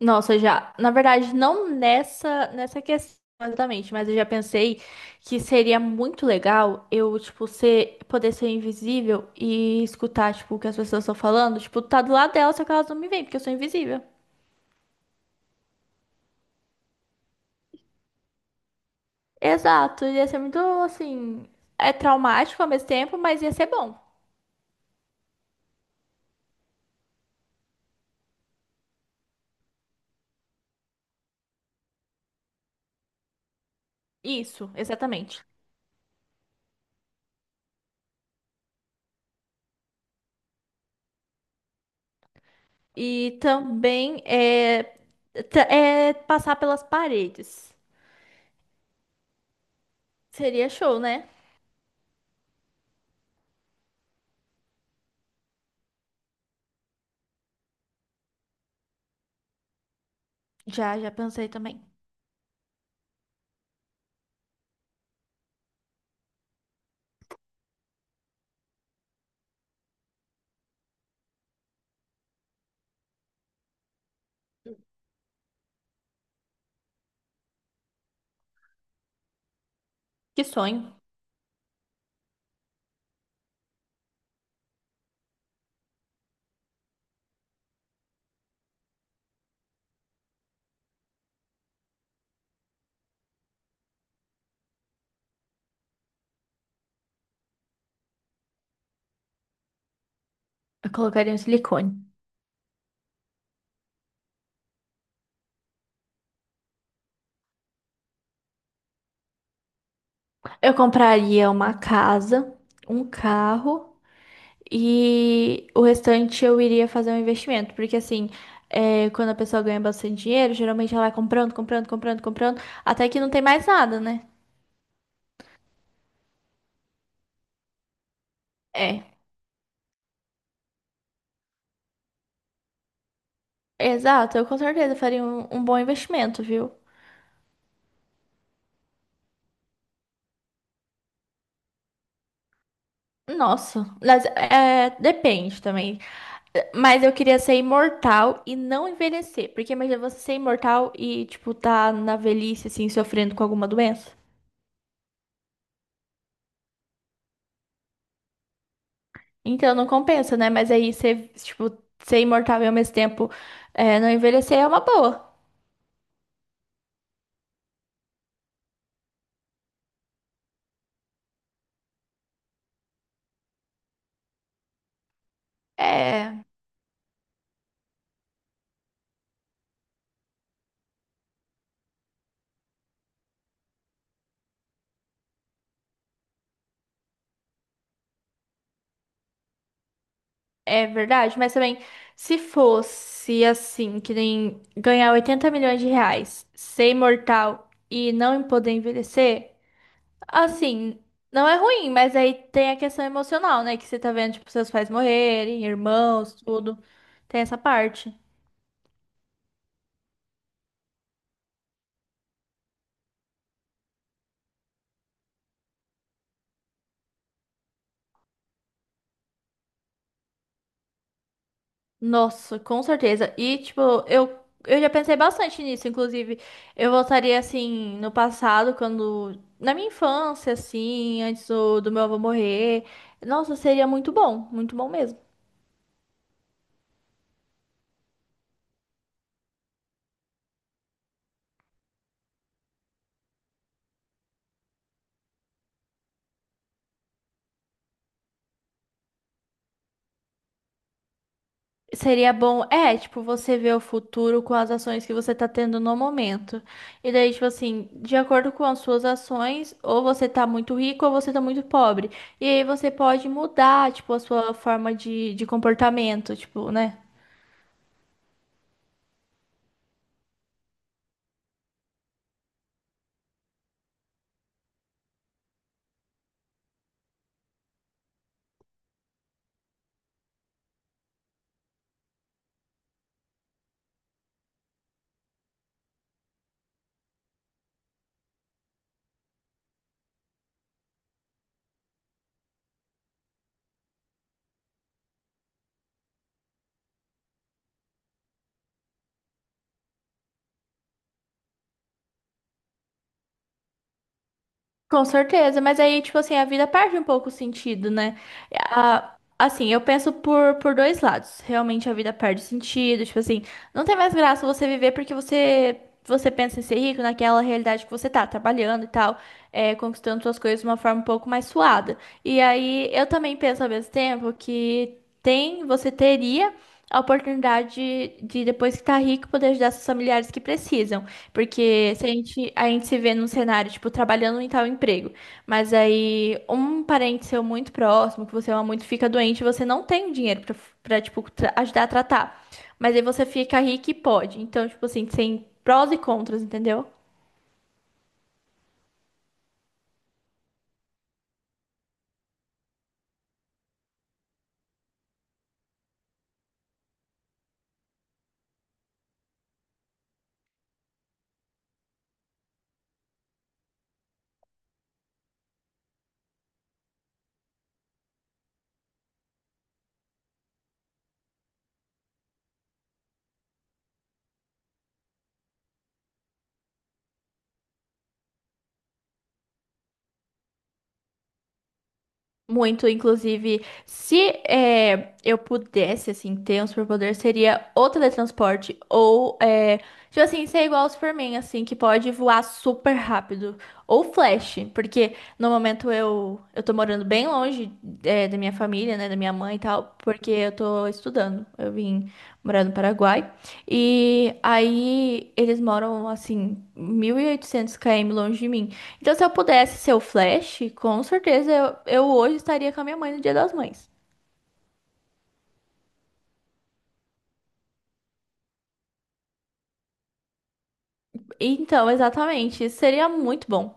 Nossa, já. Na verdade, não nessa questão exatamente, mas eu já pensei que seria muito legal eu, tipo, ser, poder ser invisível e escutar, tipo, o que as pessoas estão falando. Tipo, tá do lado delas, só que elas não me veem, porque eu sou invisível. Exato, ia ser muito, assim, é traumático ao mesmo tempo, mas ia ser bom. Isso, exatamente. E também é, é passar pelas paredes. Seria show, né? Já, já pensei também. Que sonho. Eu colocaria um silicone. Eu compraria uma casa, um carro e o restante eu iria fazer um investimento. Porque assim, é, quando a pessoa ganha bastante dinheiro, geralmente ela vai comprando, comprando, comprando, comprando, até que não tem mais nada, né? É. Exato, eu com certeza faria um bom investimento, viu? Nossa, mas é, depende também. Mas eu queria ser imortal e não envelhecer. Porque imagina você ser imortal e, tipo, tá na velhice, assim, sofrendo com alguma doença. Então não compensa, né? Mas aí ser, tipo, ser imortal e ao mesmo tempo é, não envelhecer é uma boa. É, é verdade. Mas também, se fosse assim, que nem ganhar 80 milhões de reais, ser imortal e não poder envelhecer, assim, não é ruim, mas aí tem a questão emocional, né? Que você tá vendo, tipo, seus pais morrerem, irmãos, tudo. Tem essa parte. Nossa, com certeza. E, tipo, eu, eu já pensei bastante nisso. Inclusive, eu voltaria assim no passado, quando. Na minha infância, assim, antes do meu avô morrer. Nossa, seria muito bom mesmo. Seria bom, é, tipo, você ver o futuro com as ações que você tá tendo no momento. E daí, tipo assim, de acordo com as suas ações, ou você tá muito rico ou você tá muito pobre. E aí você pode mudar, tipo, a sua forma de comportamento, tipo, né? Com certeza, mas aí, tipo assim, a vida perde um pouco o sentido, né? A- assim, eu penso por dois lados. Realmente a vida perde sentido, tipo assim, não tem mais graça você viver porque você, você pensa em ser rico naquela realidade que você tá, trabalhando e tal, é, conquistando suas coisas de uma forma um pouco mais suada. E aí, eu também penso ao mesmo tempo que tem, você teria a oportunidade de, depois que tá rico, poder ajudar seus familiares que precisam. Porque se a gente, a gente se vê num cenário, tipo, trabalhando em tal emprego, mas aí um parente seu muito próximo, que você ama muito, fica doente, você não tem o dinheiro pra, pra tipo, ajudar a tratar. Mas aí você fica rico e pode. Então, tipo assim, tem prós e contras, entendeu? Muito, inclusive, se é, eu pudesse, assim, ter um superpoder, seria o teletransporte. Ou, é, tipo assim, ser igual ao Superman, assim, que pode voar super rápido. Ou Flash, porque no momento eu tô morando bem longe. É, é, da minha família, né, da minha mãe e tal, porque eu tô estudando. Eu vim morar no Paraguai. E aí eles moram, assim, 1.800 km longe de mim. Então, se eu pudesse ser o Flash, com certeza eu hoje estaria com a minha mãe no Dia das Mães. Então, exatamente, isso seria muito bom.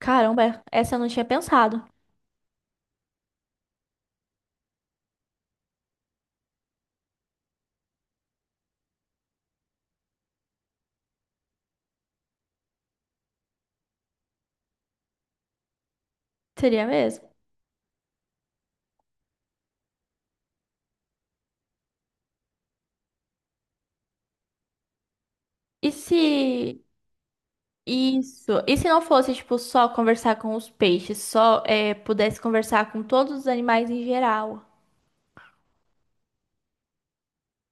Caramba, essa eu não tinha pensado. Seria mesmo. E se isso, e se não fosse tipo só conversar com os peixes, só é, pudesse conversar com todos os animais em geral?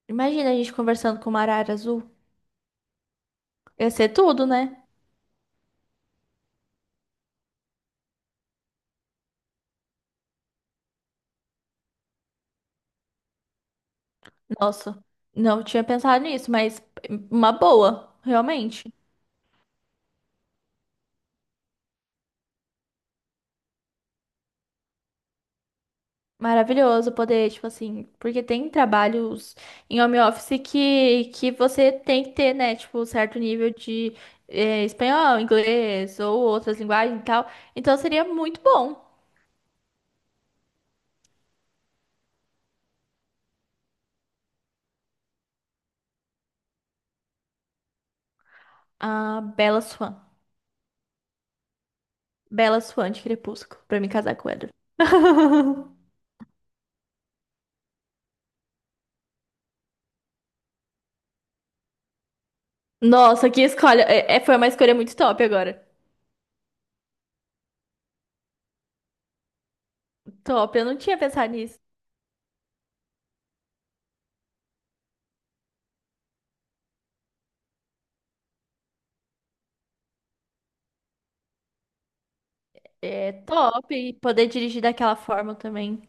Imagina a gente conversando com uma arara azul. Ia ser tudo, né? Nossa, não tinha pensado nisso, mas uma boa, realmente. Maravilhoso poder, tipo assim, porque tem trabalhos em home office que você tem que ter, né? Tipo, um certo nível de espanhol, inglês ou outras linguagens e tal. Então seria muito bom. A Bela Swan. Bela Swan de Crepúsculo, pra me casar com o Edward. Nossa, que escolha. É, é- foi uma escolha muito top agora. Top, eu não tinha pensado nisso. É top e poder dirigir daquela forma também.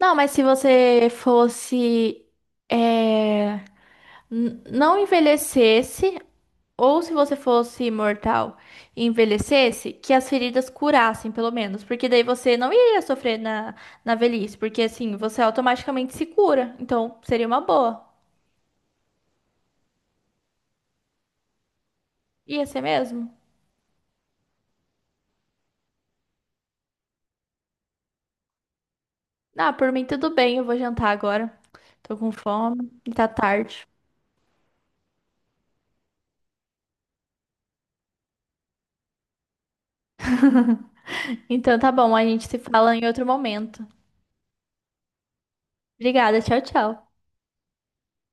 Não, mas se você fosse, é, n- não envelhecesse, ou se você fosse imortal e envelhecesse, que as feridas curassem, pelo menos. Porque daí você não iria sofrer na, na velhice, porque assim, você automaticamente se cura. Então, seria uma boa. Ia ser mesmo? Ah, por mim tudo bem, eu vou jantar agora. Tô com fome e tá tarde. Então tá bom, a gente se fala em outro momento. Obrigada, tchau, tchau.